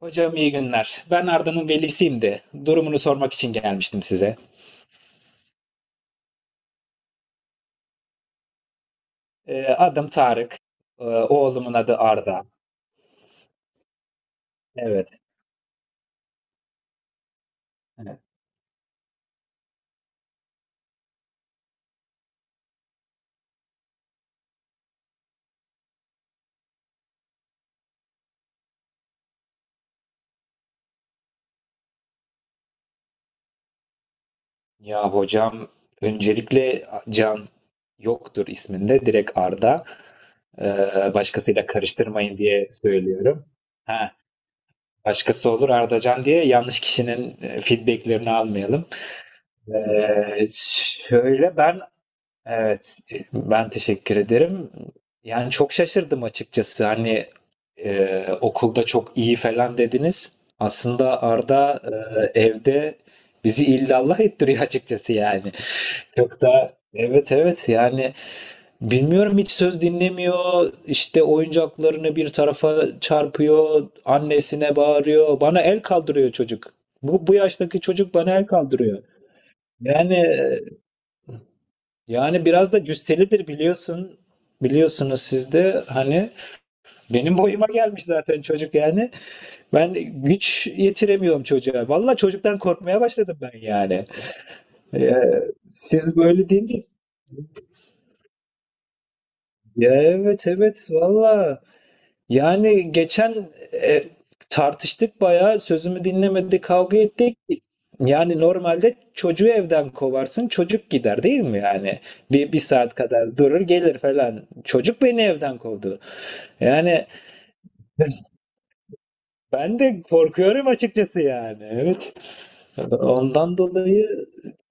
Hocam iyi günler. Ben Arda'nın velisiyim de durumunu sormak için gelmiştim size. Adım Tarık. Oğlumun adı Arda. Evet. Evet. Ya hocam, öncelikle Can yoktur isminde, direkt Arda. Başkasıyla karıştırmayın diye söylüyorum. Ha, Başkası olur Ardacan diye yanlış kişinin feedbacklerini almayalım. Şöyle ben... Evet, ben teşekkür ederim. Yani çok şaşırdım açıkçası. Hani okulda çok iyi falan dediniz. Aslında Arda evde bizi illallah ettiriyor açıkçası yani. Çok da, evet evet, yani bilmiyorum, hiç söz dinlemiyor. İşte oyuncaklarını bir tarafa çarpıyor, annesine bağırıyor, bana el kaldırıyor çocuk. Bu yaştaki çocuk bana el kaldırıyor. Yani yani biraz da cüsselidir biliyorsun. Biliyorsunuz siz de hani, benim boyuma gelmiş zaten çocuk yani. Ben güç yetiremiyorum çocuğa. Vallahi çocuktan korkmaya başladım ben yani. Ee, Siz böyle deyince... Ya evet evet, valla. Yani geçen, e, tartıştık bayağı, sözümü dinlemedi, kavga ettik. Yani normalde çocuğu evden kovarsın, çocuk gider değil mi yani? Bir, bir saat kadar durur gelir falan. Çocuk beni evden kovdu. Yani ben de korkuyorum açıkçası yani. Evet. Ondan dolayı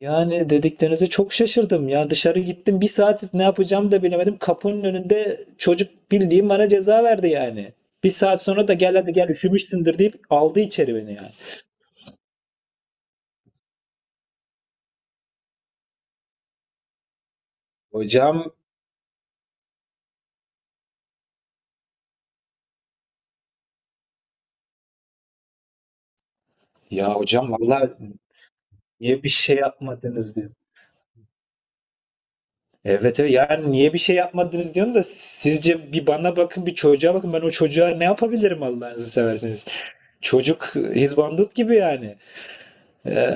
yani, dediklerinize çok şaşırdım. Ya dışarı gittim, bir saat ne yapacağımı da bilemedim. Kapının önünde çocuk, bildiğim, bana ceza verdi yani. Bir saat sonra da "Gel hadi gel, üşümüşsündür" deyip aldı içeri beni yani. Hocam, ya hocam valla, niye bir şey yapmadınız diyor. Evet evet, yani niye bir şey yapmadınız diyorum da, sizce bir bana bakın bir çocuğa bakın, ben o çocuğa ne yapabilirim Allah'ınızı seversiniz. Çocuk hizbandut gibi yani. Ee,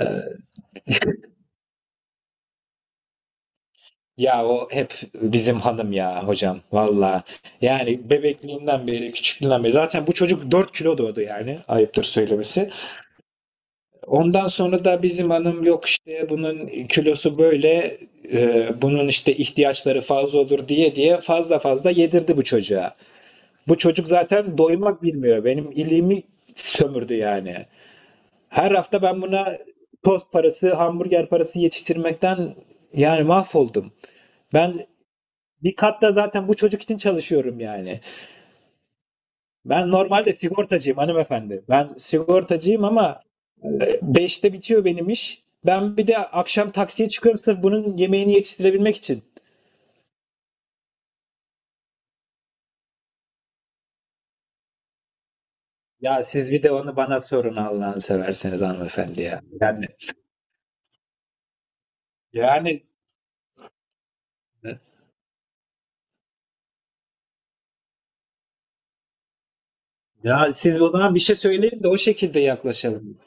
Ya o hep bizim hanım ya hocam valla. Yani bebekliğinden beri, küçüklüğünden beri, zaten bu çocuk 4 kilo doğdu yani, ayıptır söylemesi. Ondan sonra da bizim hanım, yok işte bunun kilosu böyle, bunun işte ihtiyaçları fazla olur diye diye, fazla fazla yedirdi bu çocuğa. Bu çocuk zaten doymak bilmiyor. Benim iliğimi sömürdü yani. Her hafta ben buna tost parası, hamburger parası yetiştirmekten yani mahvoldum. Ben bir katta zaten bu çocuk için çalışıyorum yani. Ben normalde sigortacıyım hanımefendi. Ben sigortacıyım ama beşte bitiyor benim iş. Ben bir de akşam taksiye çıkıyorum, sırf bunun yemeğini yetiştirebilmek için. Ya siz bir de onu bana sorun Allah'ını severseniz hanımefendi ya. Yani e, Ya siz o zaman bir şey söyleyin de o şekilde yaklaşalım.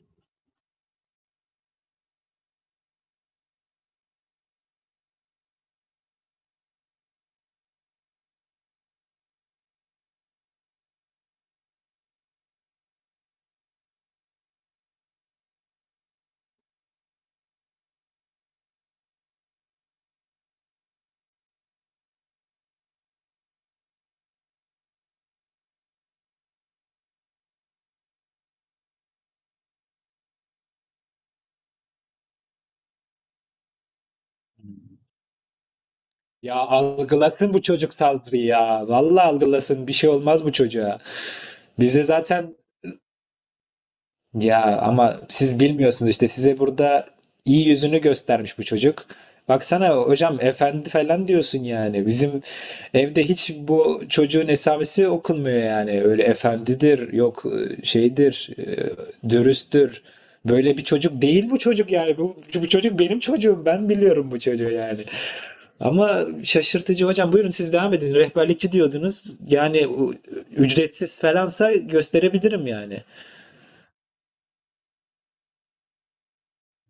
Ya algılasın bu çocuk saldırıyı ya. Vallahi algılasın, bir şey olmaz bu çocuğa. Bize zaten... Ya ama siz bilmiyorsunuz işte, size burada iyi yüzünü göstermiş bu çocuk. Baksana hocam, efendi falan diyorsun yani. Bizim evde hiç bu çocuğun esamesi okunmuyor yani. Öyle efendidir, yok şeydir, dürüsttür. Böyle bir çocuk değil bu çocuk yani. Bu çocuk benim çocuğum. Ben biliyorum bu çocuğu yani. Ama şaşırtıcı hocam. Buyurun siz devam edin. Rehberlikçi diyordunuz. Yani ücretsiz falansa gösterebilirim yani.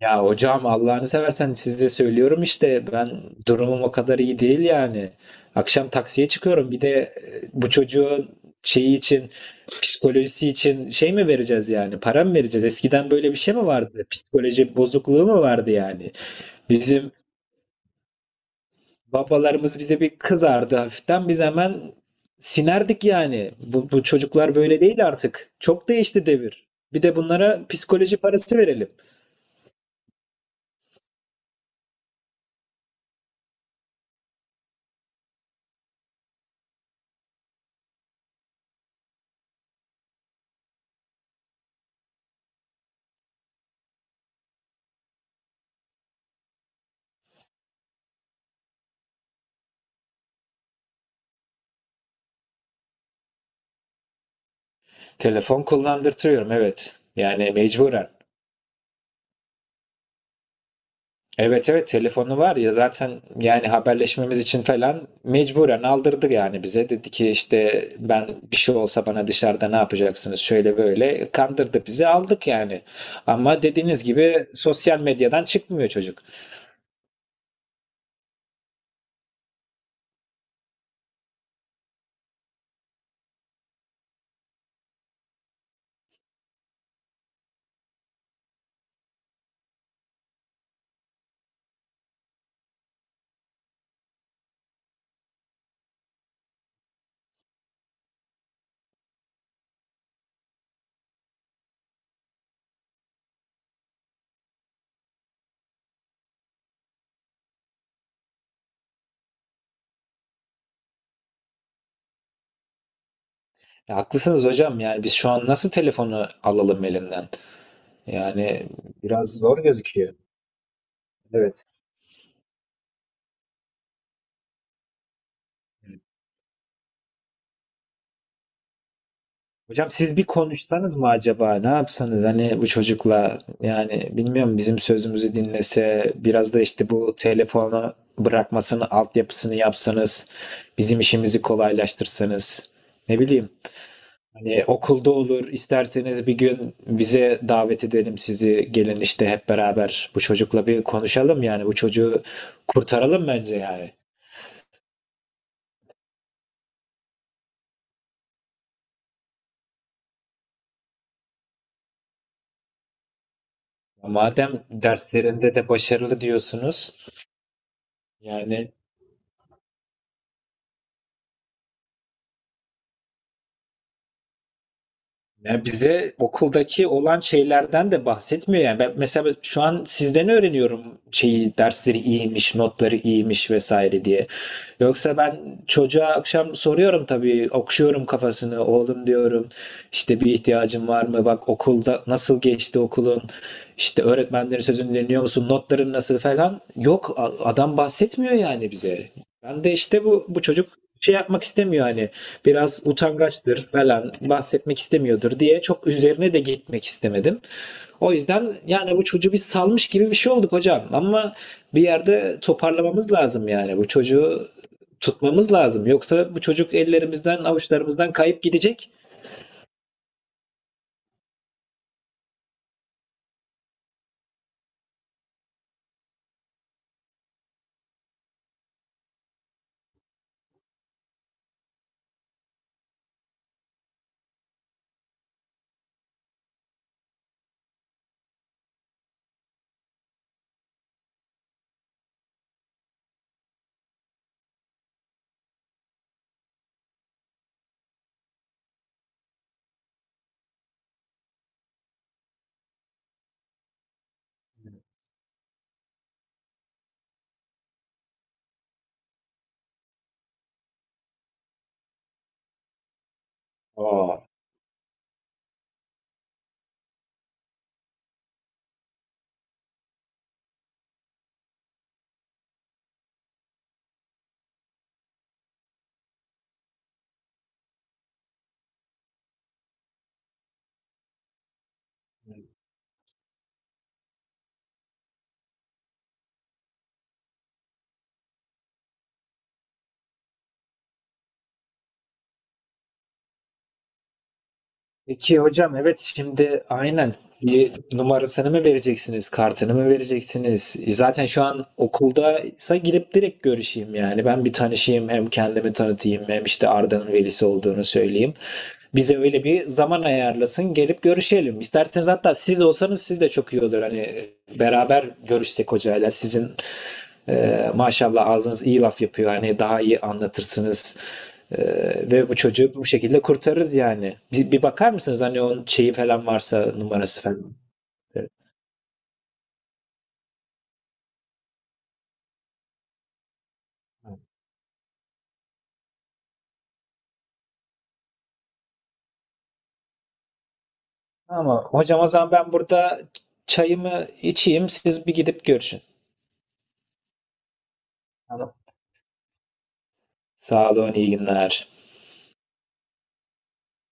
Ya hocam Allah'ını seversen size söylüyorum işte, ben durumum o kadar iyi değil yani. Akşam taksiye çıkıyorum, bir de bu çocuğun şeyi için, psikolojisi için şey mi vereceğiz yani, para mı vereceğiz? Eskiden böyle bir şey mi vardı? Psikoloji bozukluğu mu vardı yani? Bizim babalarımız bize bir kızardı hafiften, biz hemen sinerdik yani. Bu çocuklar böyle değil artık. Çok değişti devir. Bir de bunlara psikoloji parası verelim. Telefon kullandırtıyorum evet. Yani mecburen. Evet evet telefonu var ya zaten, yani haberleşmemiz için falan mecburen aldırdı yani bize. Dedi ki işte, ben bir şey olsa bana dışarıda ne yapacaksınız şöyle böyle, kandırdı bizi, aldık yani. Ama dediğiniz gibi sosyal medyadan çıkmıyor çocuk. Ya haklısınız hocam, yani biz şu an nasıl telefonu alalım elinden? Yani biraz zor gözüküyor. Evet. Hocam siz bir konuşsanız mı acaba? Ne yapsanız hani, bu çocukla yani bilmiyorum, bizim sözümüzü dinlese biraz da, işte bu telefonu bırakmasını altyapısını yapsanız, bizim işimizi kolaylaştırsanız, ne bileyim, hani okulda olur isterseniz bir gün bize davet edelim sizi, gelin işte hep beraber bu çocukla bir konuşalım, yani bu çocuğu kurtaralım bence yani. Madem derslerinde de başarılı diyorsunuz yani... Ya bize okuldaki olan şeylerden de bahsetmiyor yani. Ben mesela şu an sizden öğreniyorum şeyi, dersleri iyiymiş, notları iyiymiş vesaire diye. Yoksa ben çocuğa akşam soruyorum tabii, okşuyorum kafasını. Oğlum diyorum, işte bir ihtiyacın var mı? Bak, okulda nasıl geçti okulun? İşte öğretmenlerin sözünü dinliyor musun? Notların nasıl falan? Yok, adam bahsetmiyor yani bize. Ben de işte bu çocuk şey yapmak istemiyor, hani biraz utangaçtır falan, bahsetmek istemiyordur diye çok üzerine de gitmek istemedim. O yüzden yani bu çocuğu biz salmış gibi bir şey olduk hocam, ama bir yerde toparlamamız lazım yani bu çocuğu, tutmamız lazım. Yoksa bu çocuk ellerimizden avuçlarımızdan kayıp gidecek. Aa, peki hocam evet, şimdi aynen bir numarasını mı vereceksiniz, kartını mı vereceksiniz? Zaten şu an okuldaysa gidip direkt görüşeyim yani. Ben bir tanışayım, hem kendimi tanıtayım, hem işte Arda'nın velisi olduğunu söyleyeyim. Bize öyle bir zaman ayarlasın, gelip görüşelim. İsterseniz hatta siz olsanız siz de çok iyi olur. Hani beraber görüşsek hocayla, sizin maşallah ağzınız iyi laf yapıyor. Hani daha iyi anlatırsınız. Ve bu çocuğu bu şekilde kurtarırız yani. Bir, bir bakar mısınız hani onun şeyi falan varsa, numarası falan. Evet. Ama hocam o zaman ben burada çayımı içeyim, siz bir gidip görüşün. Tamam. Sağ olun, iyi günler.